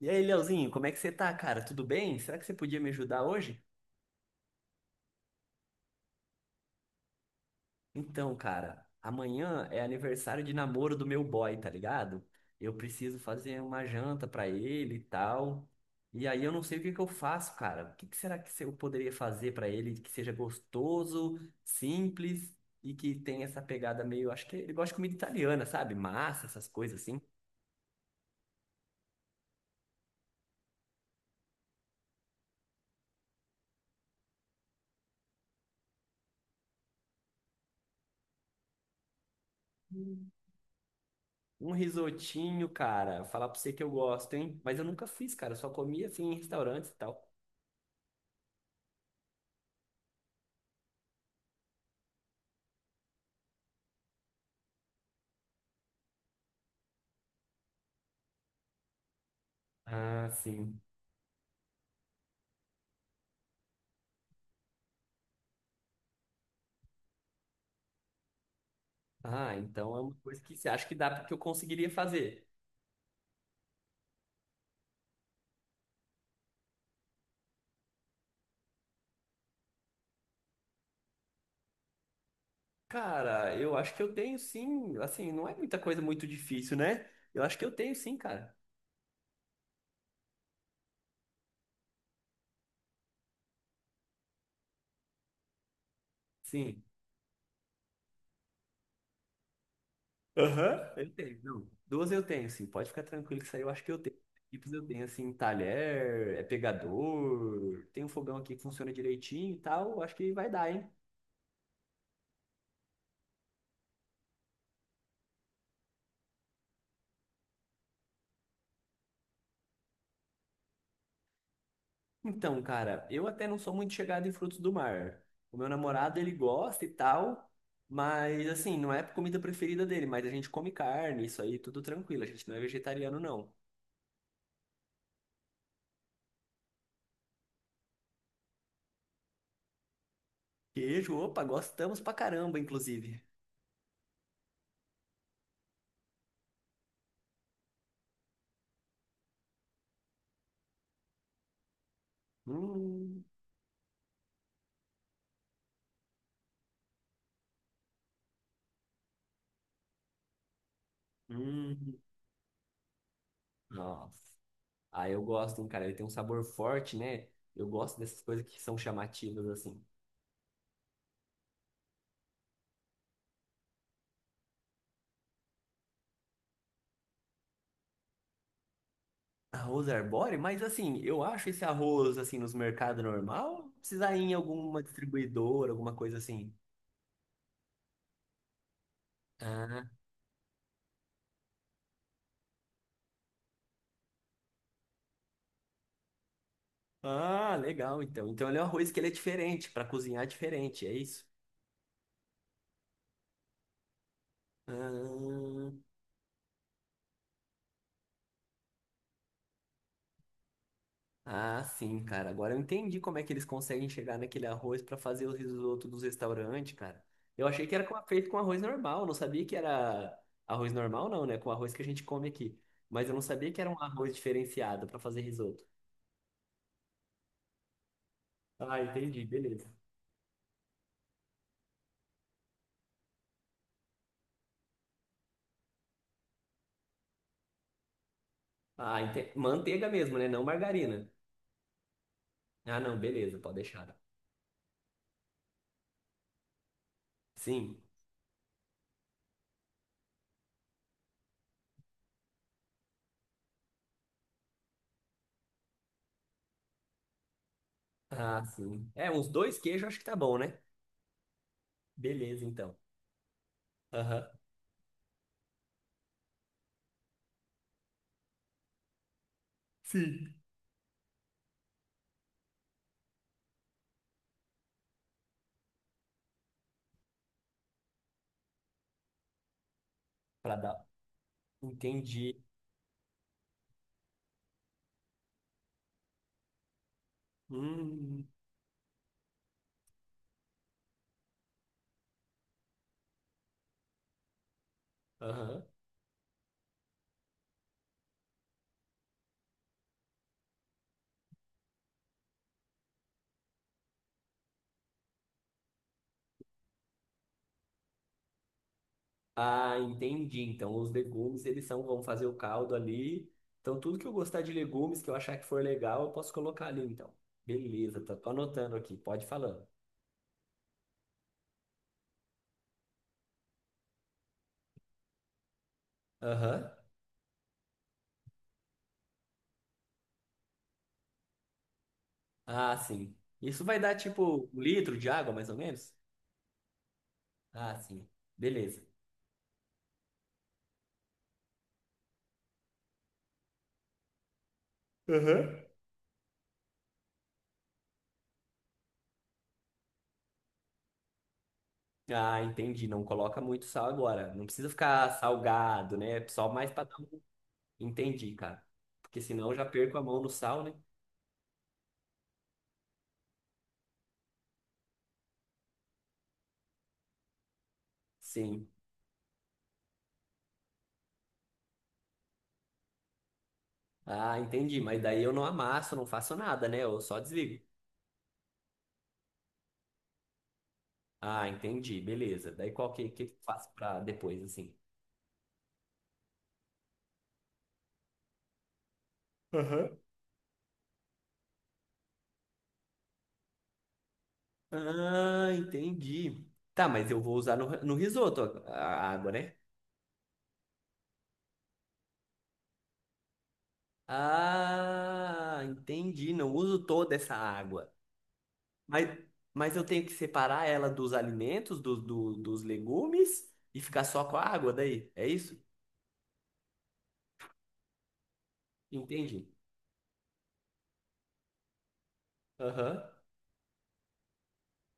E aí, Leozinho, como é que você tá, cara? Tudo bem? Será que você podia me ajudar hoje? Então, cara, amanhã é aniversário de namoro do meu boy, tá ligado? Eu preciso fazer uma janta pra ele e tal. E aí eu não sei o que que eu faço, cara. O que que será que eu poderia fazer pra ele que seja gostoso, simples e que tenha essa pegada meio, acho que ele gosta de comida italiana, sabe? Massa, essas coisas assim. Um risotinho, cara. Falar pra você que eu gosto, hein? Mas eu nunca fiz, cara. Eu só comia assim em restaurantes e tal. Ah, sim. Ah, então é uma coisa que você acha que dá que eu conseguiria fazer? Cara, eu acho que eu tenho sim. Assim, não é muita coisa muito difícil, né? Eu acho que eu tenho sim, cara. Sim. Aham. Eu tenho, não. Duas eu tenho, sim. Pode ficar tranquilo que isso aí eu acho que eu tenho. Tipos eu tenho, assim, talher, é pegador, tem um fogão aqui que funciona direitinho e tal. Acho que vai dar, hein? Então, cara, eu até não sou muito chegado em frutos do mar. O meu namorado, ele gosta e tal, mas assim, não é a comida preferida dele, mas a gente come carne, isso aí, tudo tranquilo. A gente não é vegetariano, não. Queijo, opa, gostamos pra caramba, inclusive. Hum, hum, nossa. Ah, eu gosto, hein, cara. Ele tem um sabor forte, né? Eu gosto dessas coisas que são chamativas, assim. Arroz arbóreo? Mas assim, eu acho esse arroz, assim, nos mercados normal, ou precisa ir em alguma distribuidora, alguma coisa assim. Ah, ah, legal, então. Então ele é um arroz que ele é diferente, para cozinhar é diferente, é isso? Ah, ah, sim, cara. Agora eu entendi como é que eles conseguem chegar naquele arroz para fazer o risoto dos restaurantes, cara. Eu achei que era com- feito com arroz normal, não sabia que era arroz normal, não, né? Com o arroz que a gente come aqui. Mas eu não sabia que era um arroz diferenciado para fazer risoto. Ah, entendi, beleza. Ah, ente... manteiga mesmo, né? Não margarina. Ah, não, beleza, pode deixar. Sim. Ah, sim. É, uns dois queijos acho que tá bom, né? Beleza, então. Aham. Sim. Pra dar. Entendi. Hum. Aham. Ah, entendi. Então, os legumes, eles são, vão fazer o caldo ali. Então, tudo que eu gostar de legumes, que eu achar que for legal, eu posso colocar ali, então. Beleza, tô anotando aqui. Pode ir falando. Aham. Ah, sim. Isso vai dar, tipo, um litro de água, mais ou menos? Ah, sim. Beleza. Aham. Ah, entendi. Não coloca muito sal agora. Não precisa ficar salgado, né? Só mais para Entendi, cara. Porque senão eu já perco a mão no sal, né? Sim. Ah, entendi. Mas daí eu não amasso, não faço nada, né? Eu só desligo. Ah, entendi. Beleza. Daí qual que eu faço pra depois, assim? Aham. Ah, entendi. Tá, mas eu vou usar no, no risoto a água, né? Ah, entendi. Não uso toda essa água. Mas, mas eu tenho que separar ela dos alimentos, do, do- dos legumes e ficar só com a água daí. É isso? Entendi. Aham.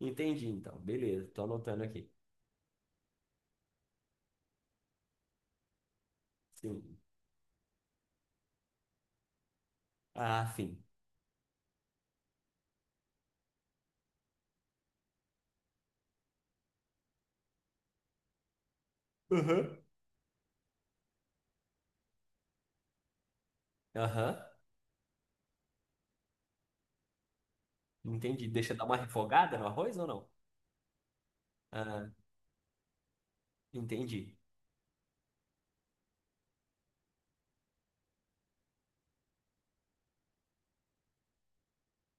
Entendi, então. Beleza, tô anotando aqui. Sim. Ah, sim. Aham. Aham. Entendi. Deixa dar uma refogada no arroz ou não? Ah, entendi.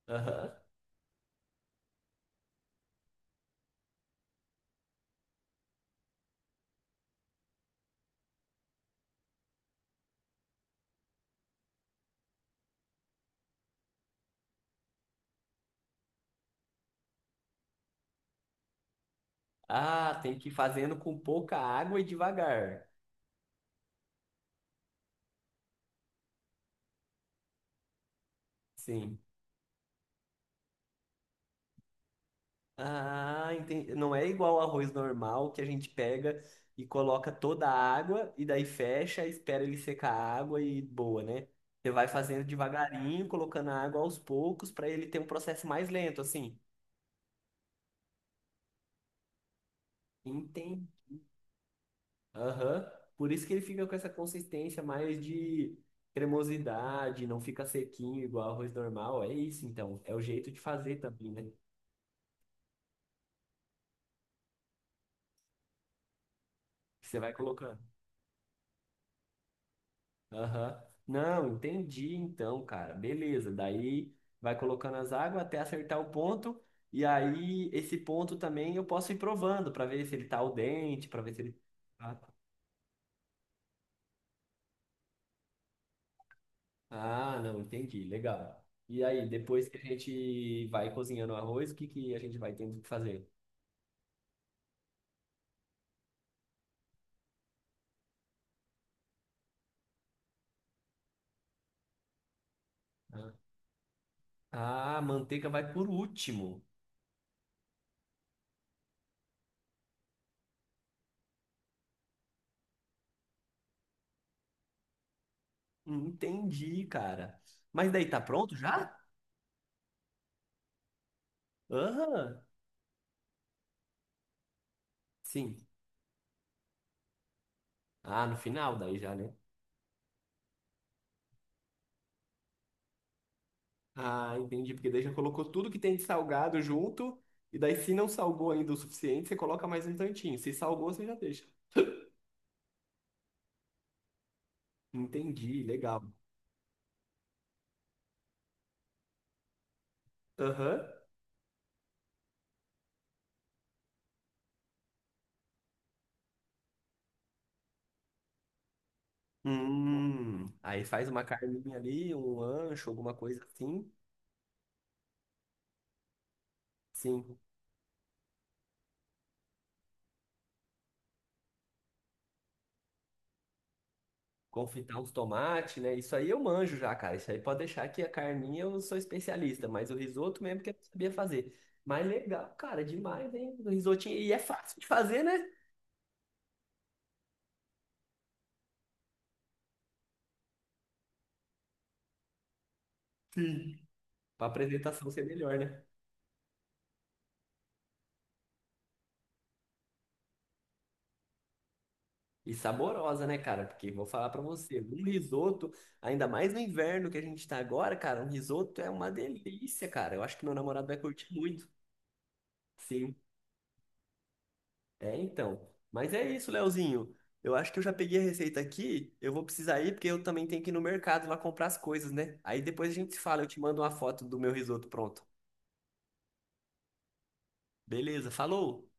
Aham. Ah, tem que ir fazendo com pouca água e devagar. Sim. Ah, entendi. Não é igual ao arroz normal que a gente pega e coloca toda a água e daí fecha, espera ele secar a água e boa, né? Você vai fazendo devagarinho, colocando a água aos poucos para ele ter um processo mais lento, assim. Entendi. Aham. Por isso que ele fica com essa consistência mais de cremosidade, não fica sequinho igual arroz normal. É isso, então. É o jeito de fazer também, né? Que você vai colocando. Aham. Não, entendi então, cara. Beleza. Daí vai colocando as águas até acertar o ponto. E aí, esse ponto também eu posso ir provando para ver se ele tá al dente, para ver se ele. Ah, ah, não, entendi. Legal. E aí, depois que a gente vai cozinhando o arroz, o que que a gente vai tendo que fazer? Ah. Ah, a manteiga vai por último. Entendi, cara. Mas daí tá pronto já? Aham, sim. Ah, no final daí já, né? Ah, entendi, porque daí já colocou tudo que tem de salgado junto. E daí, se não salgou ainda o suficiente, você coloca mais um tantinho. Se salgou, você já deixa. Entendi, legal. Aham. Aí faz uma carninha ali, um ancho, alguma coisa assim. Sim. Confitar os tomates, né? Isso aí eu manjo já, cara. Isso aí pode deixar que a carninha eu sou especialista, mas o risoto mesmo que eu não sabia fazer. Mas legal, cara, demais, hein? O risotinho. E é fácil de fazer, né? Sim. Pra apresentação ser melhor, né? E saborosa, né, cara? Porque vou falar pra você, um risoto, ainda mais no inverno que a gente tá agora, cara, um risoto é uma delícia, cara. Eu acho que meu namorado vai curtir muito. Sim. É, então. Mas é isso, Leozinho. Eu acho que eu já peguei a receita aqui. Eu vou precisar ir porque eu também tenho que ir no mercado lá comprar as coisas, né? Aí depois a gente se fala. Eu te mando uma foto do meu risoto pronto. Beleza, falou!